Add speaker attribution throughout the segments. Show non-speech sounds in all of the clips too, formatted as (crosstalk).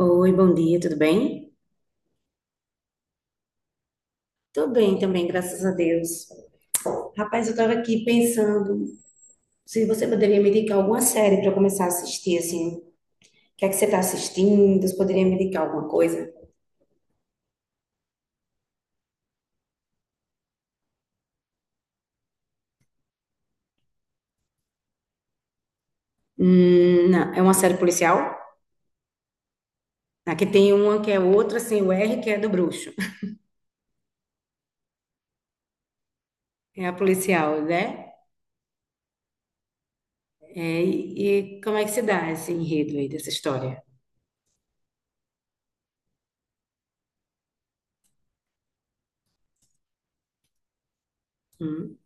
Speaker 1: Oi, bom dia, tudo bem? Tô bem também, graças a Deus. Rapaz, eu tava aqui pensando se você poderia me indicar alguma série para eu começar a assistir, assim. O que é que você tá assistindo? Você poderia me indicar alguma coisa? Não, é uma série policial? Aqui tem uma que é outra sem o R, que é do bruxo. (laughs) É a policial, né? É, e como é que se dá esse enredo aí dessa história? Hum,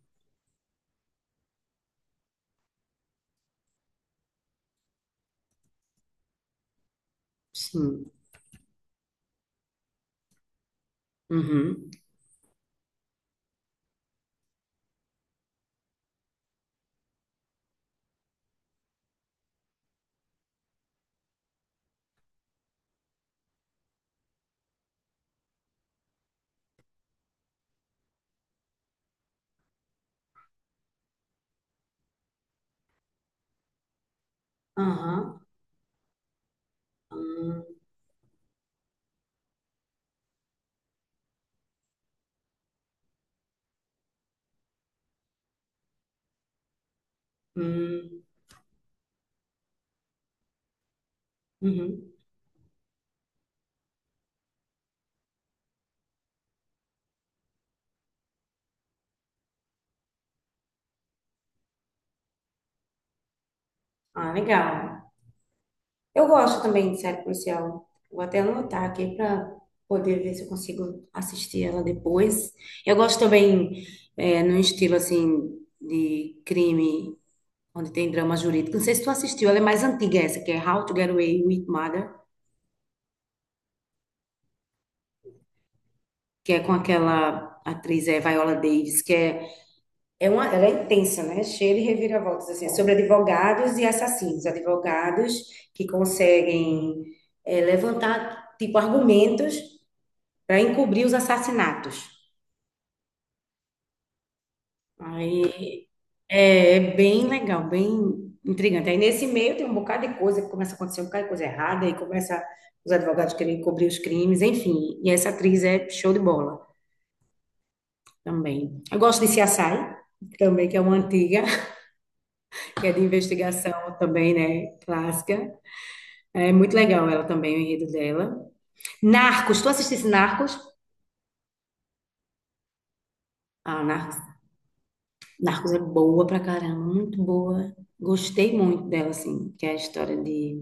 Speaker 1: sim. Uhum. Aham. Hum, hum, uhum. Ah, legal. Eu gosto também de série policial. Vou até anotar aqui para poder ver se eu consigo assistir ela depois. Eu gosto também no estilo assim de crime, onde tem drama jurídico. Não sei se tu assistiu, ela é mais antiga essa, que é How to Get Away with Murder, que é com aquela atriz Viola Davis, é uma, ela é intensa, né? Cheia de reviravoltas, assim. É sobre advogados e assassinos, advogados que conseguem levantar tipo argumentos para encobrir os assassinatos. Aí é bem legal, bem intrigante. Aí nesse meio tem um bocado de coisa que começa a acontecer, um bocado de coisa errada, aí começa os advogados querendo encobrir os crimes, enfim. E essa atriz é show de bola também. Eu gosto de CSI também, que é uma antiga, (laughs) que é de investigação também, né? Clássica. É muito legal ela também, o enredo dela. Narcos, tu assistisse Narcos? Ah, Narcos é boa pra caramba, muito boa. Gostei muito dela, assim, que é a história de,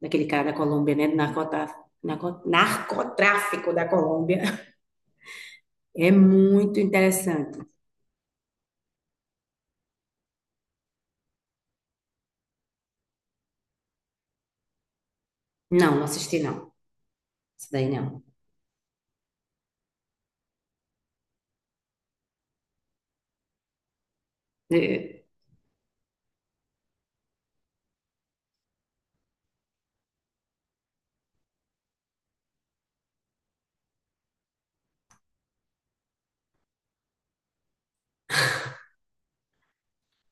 Speaker 1: daquele cara da Colômbia, né? Do narcotráfico da Colômbia. (laughs) É muito interessante. Não, não assisti, não. Isso daí não. É,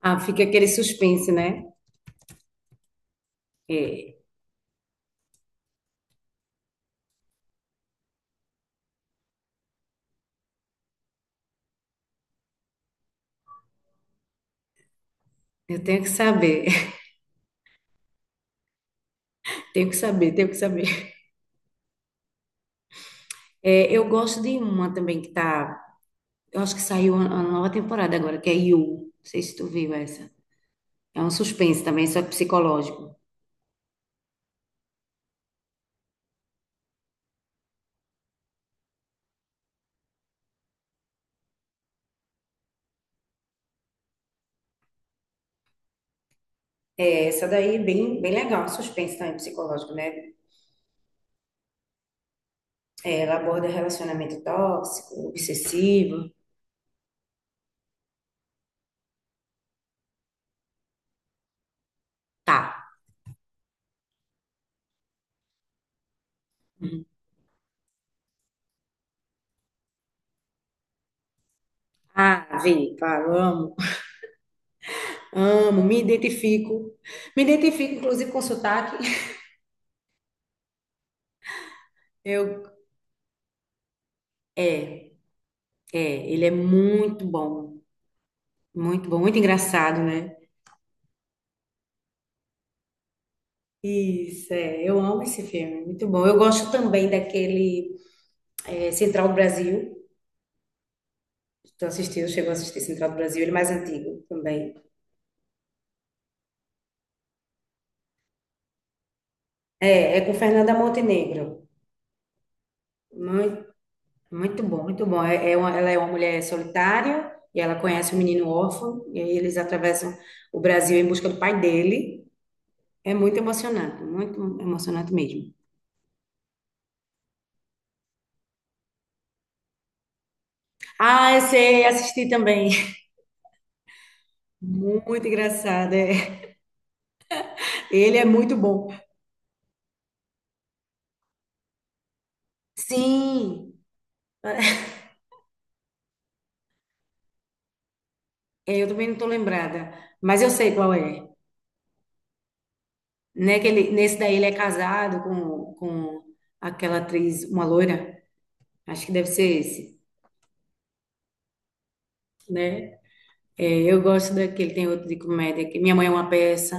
Speaker 1: ah, fica aquele suspense, né? É, eu tenho que saber, (laughs) tenho que saber, tenho que saber. É, eu gosto de uma também que tá. Eu acho que saiu a nova temporada agora, que é You. Não sei se tu viu essa. É um suspense também, só que psicológico. É, essa daí é bem, bem legal, suspense também psicológico, né? É, ela aborda relacionamento tóxico, obsessivo. Tá. Uhum. Ah, vi, claro, amo. Amo, me identifico. Me identifico, inclusive, com sotaque. Eu, é, ele é muito bom. Muito bom, muito engraçado, né? Isso, é, eu amo esse filme, muito bom. Eu gosto também daquele Central do Brasil. Tu assistiu, chegou a assistir Central do Brasil? Ele é mais antigo também. É, é com Fernanda Montenegro. Muito, muito bom, muito bom. Ela é uma mulher solitária e ela conhece um menino órfão e aí eles atravessam o Brasil em busca do pai dele. É muito emocionante mesmo. Ah, eu sei, assisti também. (laughs) Muito engraçado. É. Ele é muito bom. Sim, é, eu também não estou lembrada, mas eu sei qual é. Né, que ele, nesse daí ele é casado com aquela atriz, uma loira. Acho que deve ser esse. É, eu gosto daquele, tem outro de comédia, que Minha Mãe é uma Peça,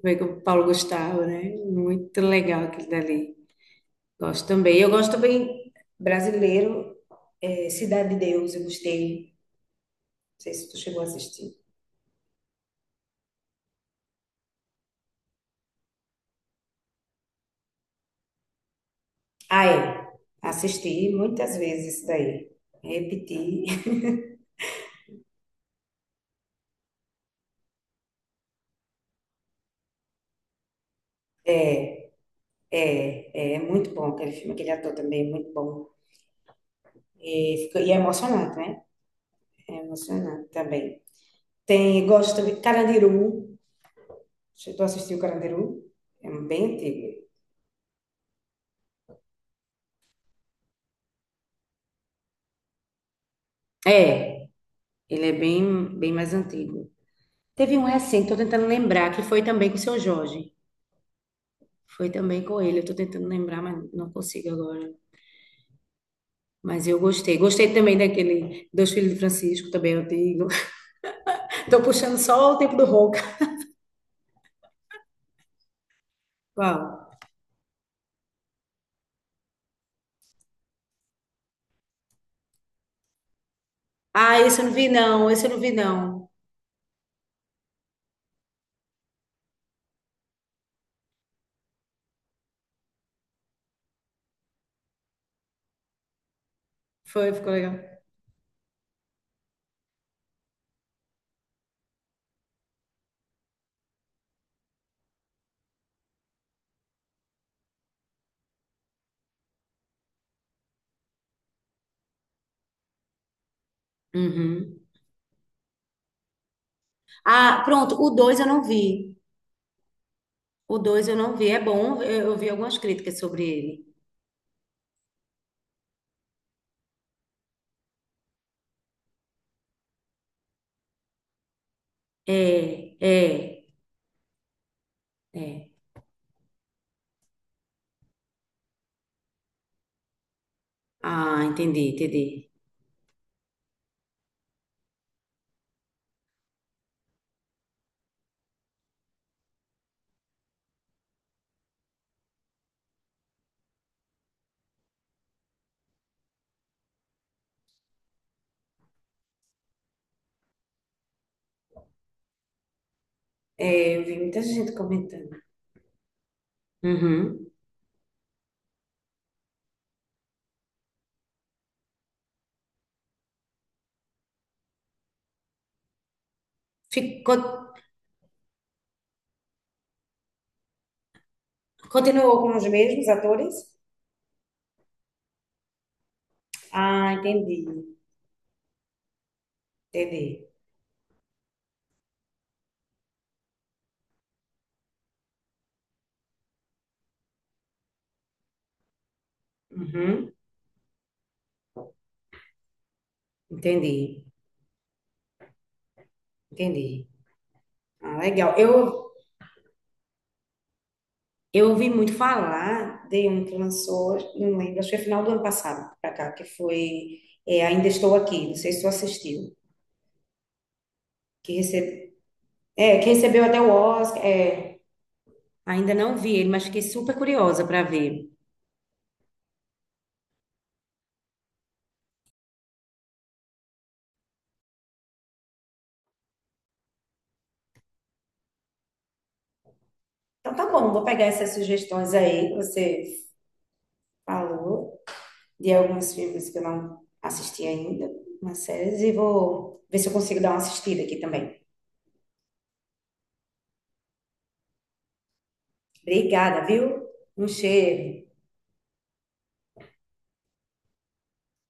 Speaker 1: foi com o Paulo Gustavo, né? Muito legal aquele dali. Gosto também. Eu gosto também brasileiro, Cidade de Deus, eu gostei. Não sei se tu chegou a assistir. Ah, é. Assisti muitas vezes isso daí. Repeti. (laughs) É, é muito bom aquele filme, aquele ator também é muito bom. E, é emocionante, né? É emocionante também. Tem, gosto também de Carandiru. Já tu assistiu o Carandiru? É bem antigo. É, ele é bem, bem mais antigo. Teve um recente, tô tentando lembrar, que foi também com o seu Jorge. Foi também com ele, eu tô tentando lembrar, mas não consigo agora. Mas eu gostei. Gostei também daquele Dois Filhos de Francisco, também antigo. (laughs) Tô puxando só o tempo do Ronca. Qual? Ah, esse eu não vi não, esse eu não vi não. Foi, ficou legal. Uhum. Ah, pronto, o dois eu não vi. O dois eu não vi, é bom, eu vi algumas críticas sobre ele. É, é, é. Ah, entendi, entendi. É, eu vi muita gente comentando. Uhum. Ficou, continuou com os mesmos atores? Ah, entendi, entendi. Uhum. Entendi, entendi. Ah, legal. Eu ouvi muito falar de um que lançou, não lembro, acho que foi final do ano passado, pra cá, que foi Ainda Estou Aqui, não sei se tu assistiu, que, recebe, que recebeu até o Oscar. Ainda não vi ele, mas fiquei super curiosa para ver. Então tá bom, vou pegar essas sugestões aí que você falou, de alguns filmes que eu não assisti ainda, umas séries, e vou ver se eu consigo dar uma assistida aqui também. Obrigada, viu? Um cheiro.